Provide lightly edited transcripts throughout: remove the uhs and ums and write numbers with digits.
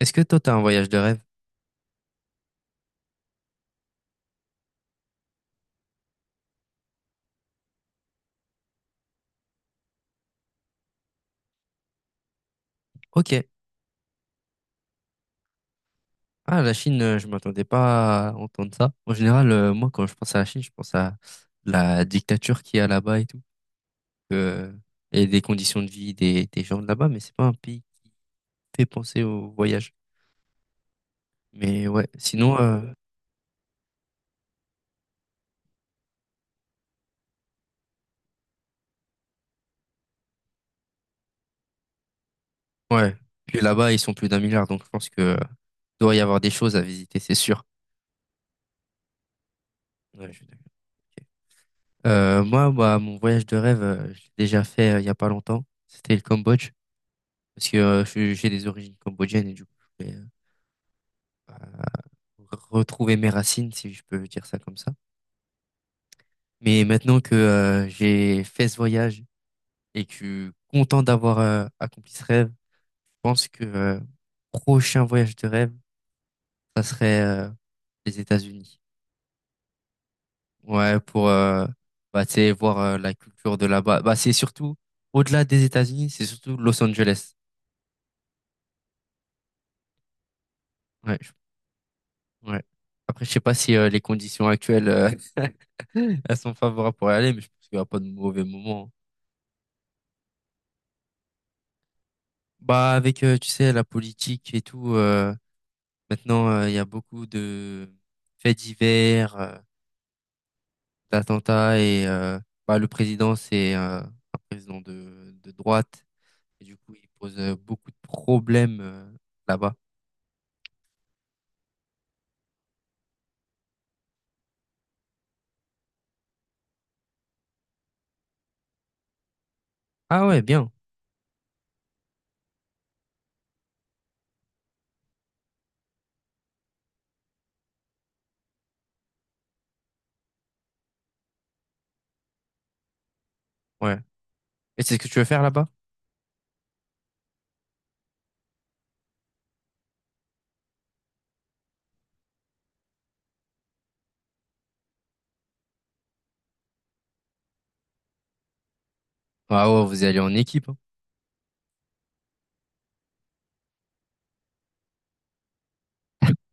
Est-ce que toi, t'as un voyage de rêve? Ok. Ah, la Chine, je m'attendais pas à entendre ça. En général, moi, quand je pense à la Chine, je pense à la dictature qu'il y a là-bas et tout, euh, et des conditions de vie des gens de là-bas, mais c'est pas un pays qui fait penser au voyage. Mais ouais, sinon, ouais. Puis là-bas, ils sont plus d'un milliard, donc je pense que doit y avoir des choses à visiter, c'est sûr. Ouais, je suis d'accord. Ok. Moi, bah, mon voyage de rêve, je l'ai déjà fait il y a pas longtemps. C'était le Cambodge. Parce que j'ai des origines cambodgiennes et du coup, je voulais bah, retrouver mes racines, si je peux dire ça comme ça. Mais maintenant que j'ai fait ce voyage et que je suis content d'avoir accompli ce rêve, je pense que prochain voyage de rêve, ça serait les États-Unis. Ouais, pour bah, tu sais, voir la culture de là-bas. Bah, c'est surtout, au-delà des États-Unis, c'est surtout Los Angeles. Ouais, je Ouais. Après, je sais pas si les conditions actuelles elles sont favorables pour y aller, mais je pense qu'il n'y aura pas de mauvais moment. Bah, avec, tu sais, la politique et tout, maintenant, il y a beaucoup de faits divers, d'attentats, et bah, le président, c'est un président de droite, et du coup, il pose beaucoup de problèmes là-bas. Ah ouais, bien, ouais. Et c'est ce que tu veux faire là-bas? Ah ouais, vous allez en équipe, hein.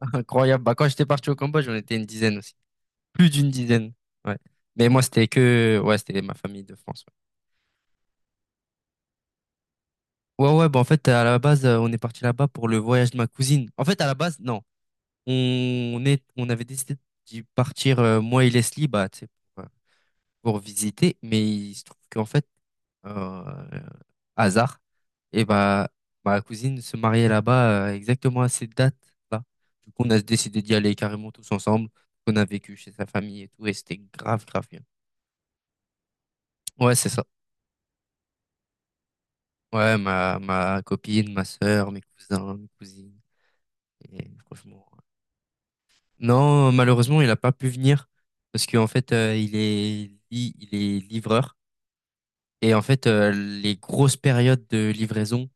Incroyable. Bah, quand j'étais parti au Cambodge, on était une dizaine aussi. Plus d'une dizaine. Ouais. Mais moi, c'était que, ouais, c'était ma famille de France. Ouais, ouais, ouais, bah en fait, à la base, on est parti là-bas pour le voyage de ma cousine. En fait, à la base, non. On on avait décidé d'y partir, moi et Leslie, bah, tu sais, pour, euh, pour visiter. Mais il se trouve qu'en fait, euh, hasard, et bah, ma cousine se mariait là-bas, exactement à cette date-là. Du coup, on a décidé d'y aller carrément tous ensemble. On a vécu chez sa famille et tout, et c'était grave, grave bien. Ouais, c'est ça. Ouais, ma copine, ma sœur, mes cousins, mes cousines. Et franchement. Non, malheureusement, il n'a pas pu venir parce qu'en fait, il est livreur. Et en fait, les grosses périodes de livraison,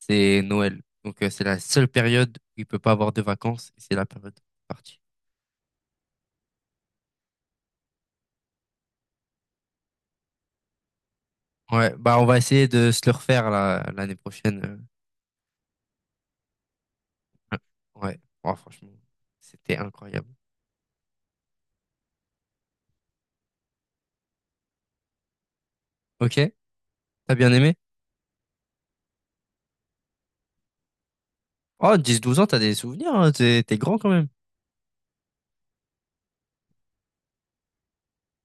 c'est Noël. Donc, c'est la seule période où il peut pas avoir de vacances. Et c'est la période de partie. Ouais, bah, on va essayer de se le refaire là, l'année prochaine. Ouais, oh, franchement, c'était incroyable. Ok, t'as bien aimé? Oh, 10 12 ans, t'as des souvenirs, hein, t'es grand quand même.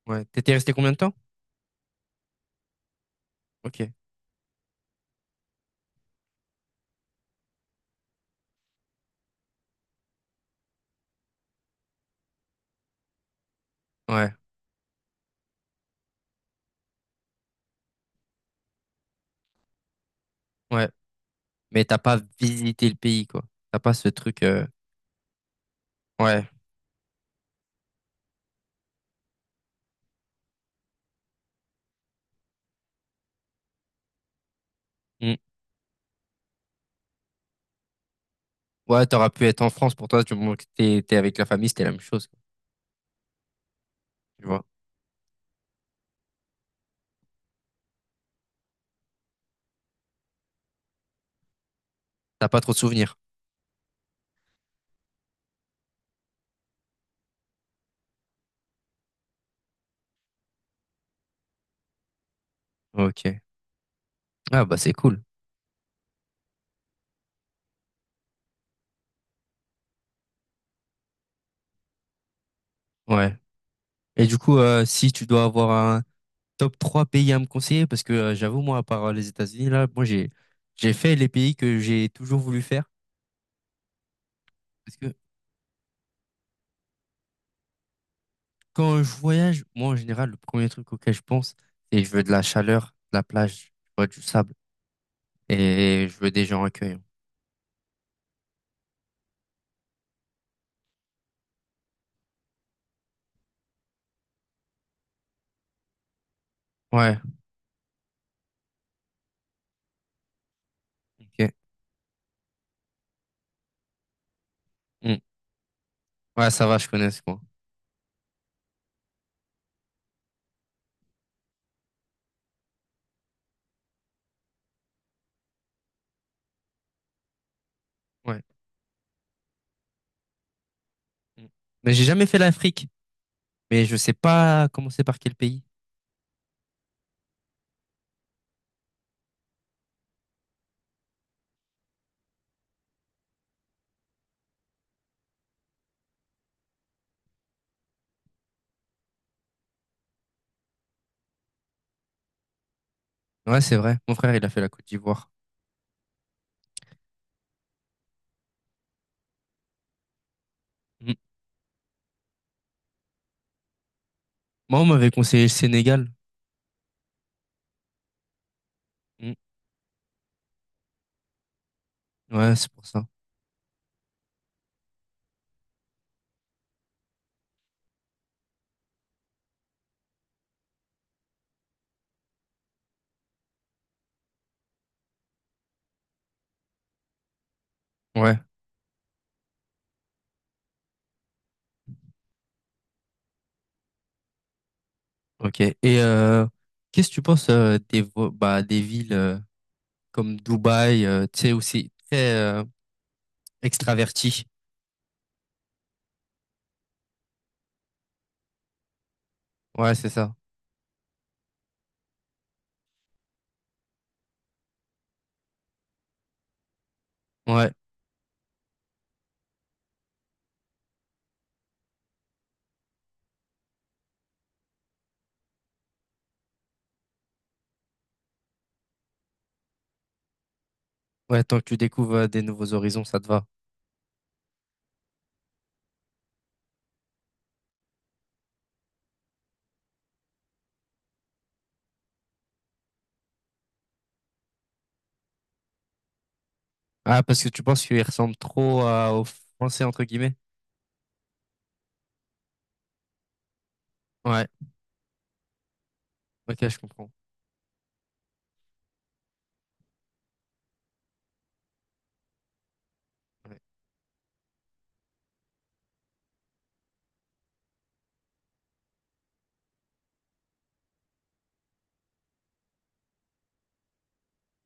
Ouais. T'étais resté combien de temps? Ok. Ouais. Ouais. Mais t'as pas visité le pays, quoi. T'as pas ce truc. Ouais. Mm. Ouais, t'aurais pu être en France pour toi, du moment que t'es avec la famille, c'était la même chose. Tu vois. T'as pas trop de souvenirs. Ok. Ah bah c'est cool. Ouais. Et du coup, si tu dois avoir un top 3 pays à me conseiller, parce que j'avoue, moi, à part les États-Unis, là, moi j'ai fait les pays que j'ai toujours voulu faire. Parce que quand je voyage, moi en général, le premier truc auquel je pense, c'est je veux de la chaleur, de la plage, tu vois, du sable. Et je veux des gens accueillants. Ouais, ok. Mm. Ouais, ça va, je connais ce coin. Ouais. Mm. Mais j'ai jamais fait l'Afrique. Mais je sais pas commencer par quel pays. Ouais, c'est vrai. Mon frère, il a fait la Côte d'Ivoire. Mm. Moi, on m'avait conseillé le Sénégal. Mm. Ouais, c'est pour ça. Ouais, ok. Qu'est-ce que tu penses bah, des villes comme Dubaï, tu sais, où c'est très extraverti. Ouais, c'est ça. Ouais, ouais, tant que tu découvres des nouveaux horizons, ça te va. Ah, parce que tu penses qu'il ressemble trop aux Français, entre guillemets? Ouais, ok, je comprends. Ouais,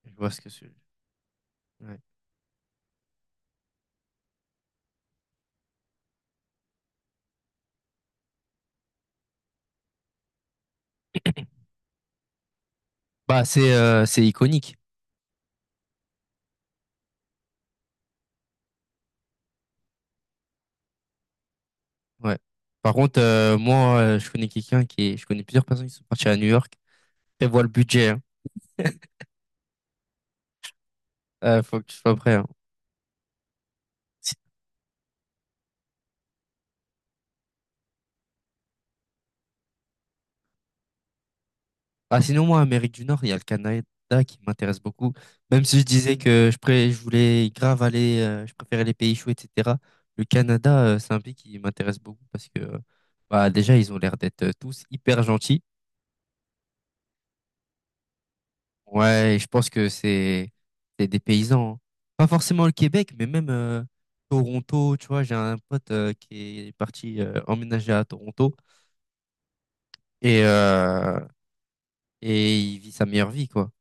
je vois ce que c'est. Ouais. Bah, c'est iconique. Ouais. Par contre, moi, Je connais plusieurs personnes qui sont parties à New York. Prévois le budget, hein. Faut que tu sois prêt, hein. Si- Ah, sinon, moi, Amérique du Nord, il y a le Canada qui m'intéresse beaucoup. Même si je disais que je voulais grave aller, je préférais les pays chauds, etc. Le Canada, c'est un pays qui m'intéresse beaucoup parce que, bah, déjà, ils ont l'air d'être tous hyper gentils. Ouais, et je pense que c'est des paysans. Hein. Pas forcément le Québec, mais même Toronto, tu vois, j'ai un pote qui est parti emménager à Toronto et euh, et il vit sa meilleure vie quoi.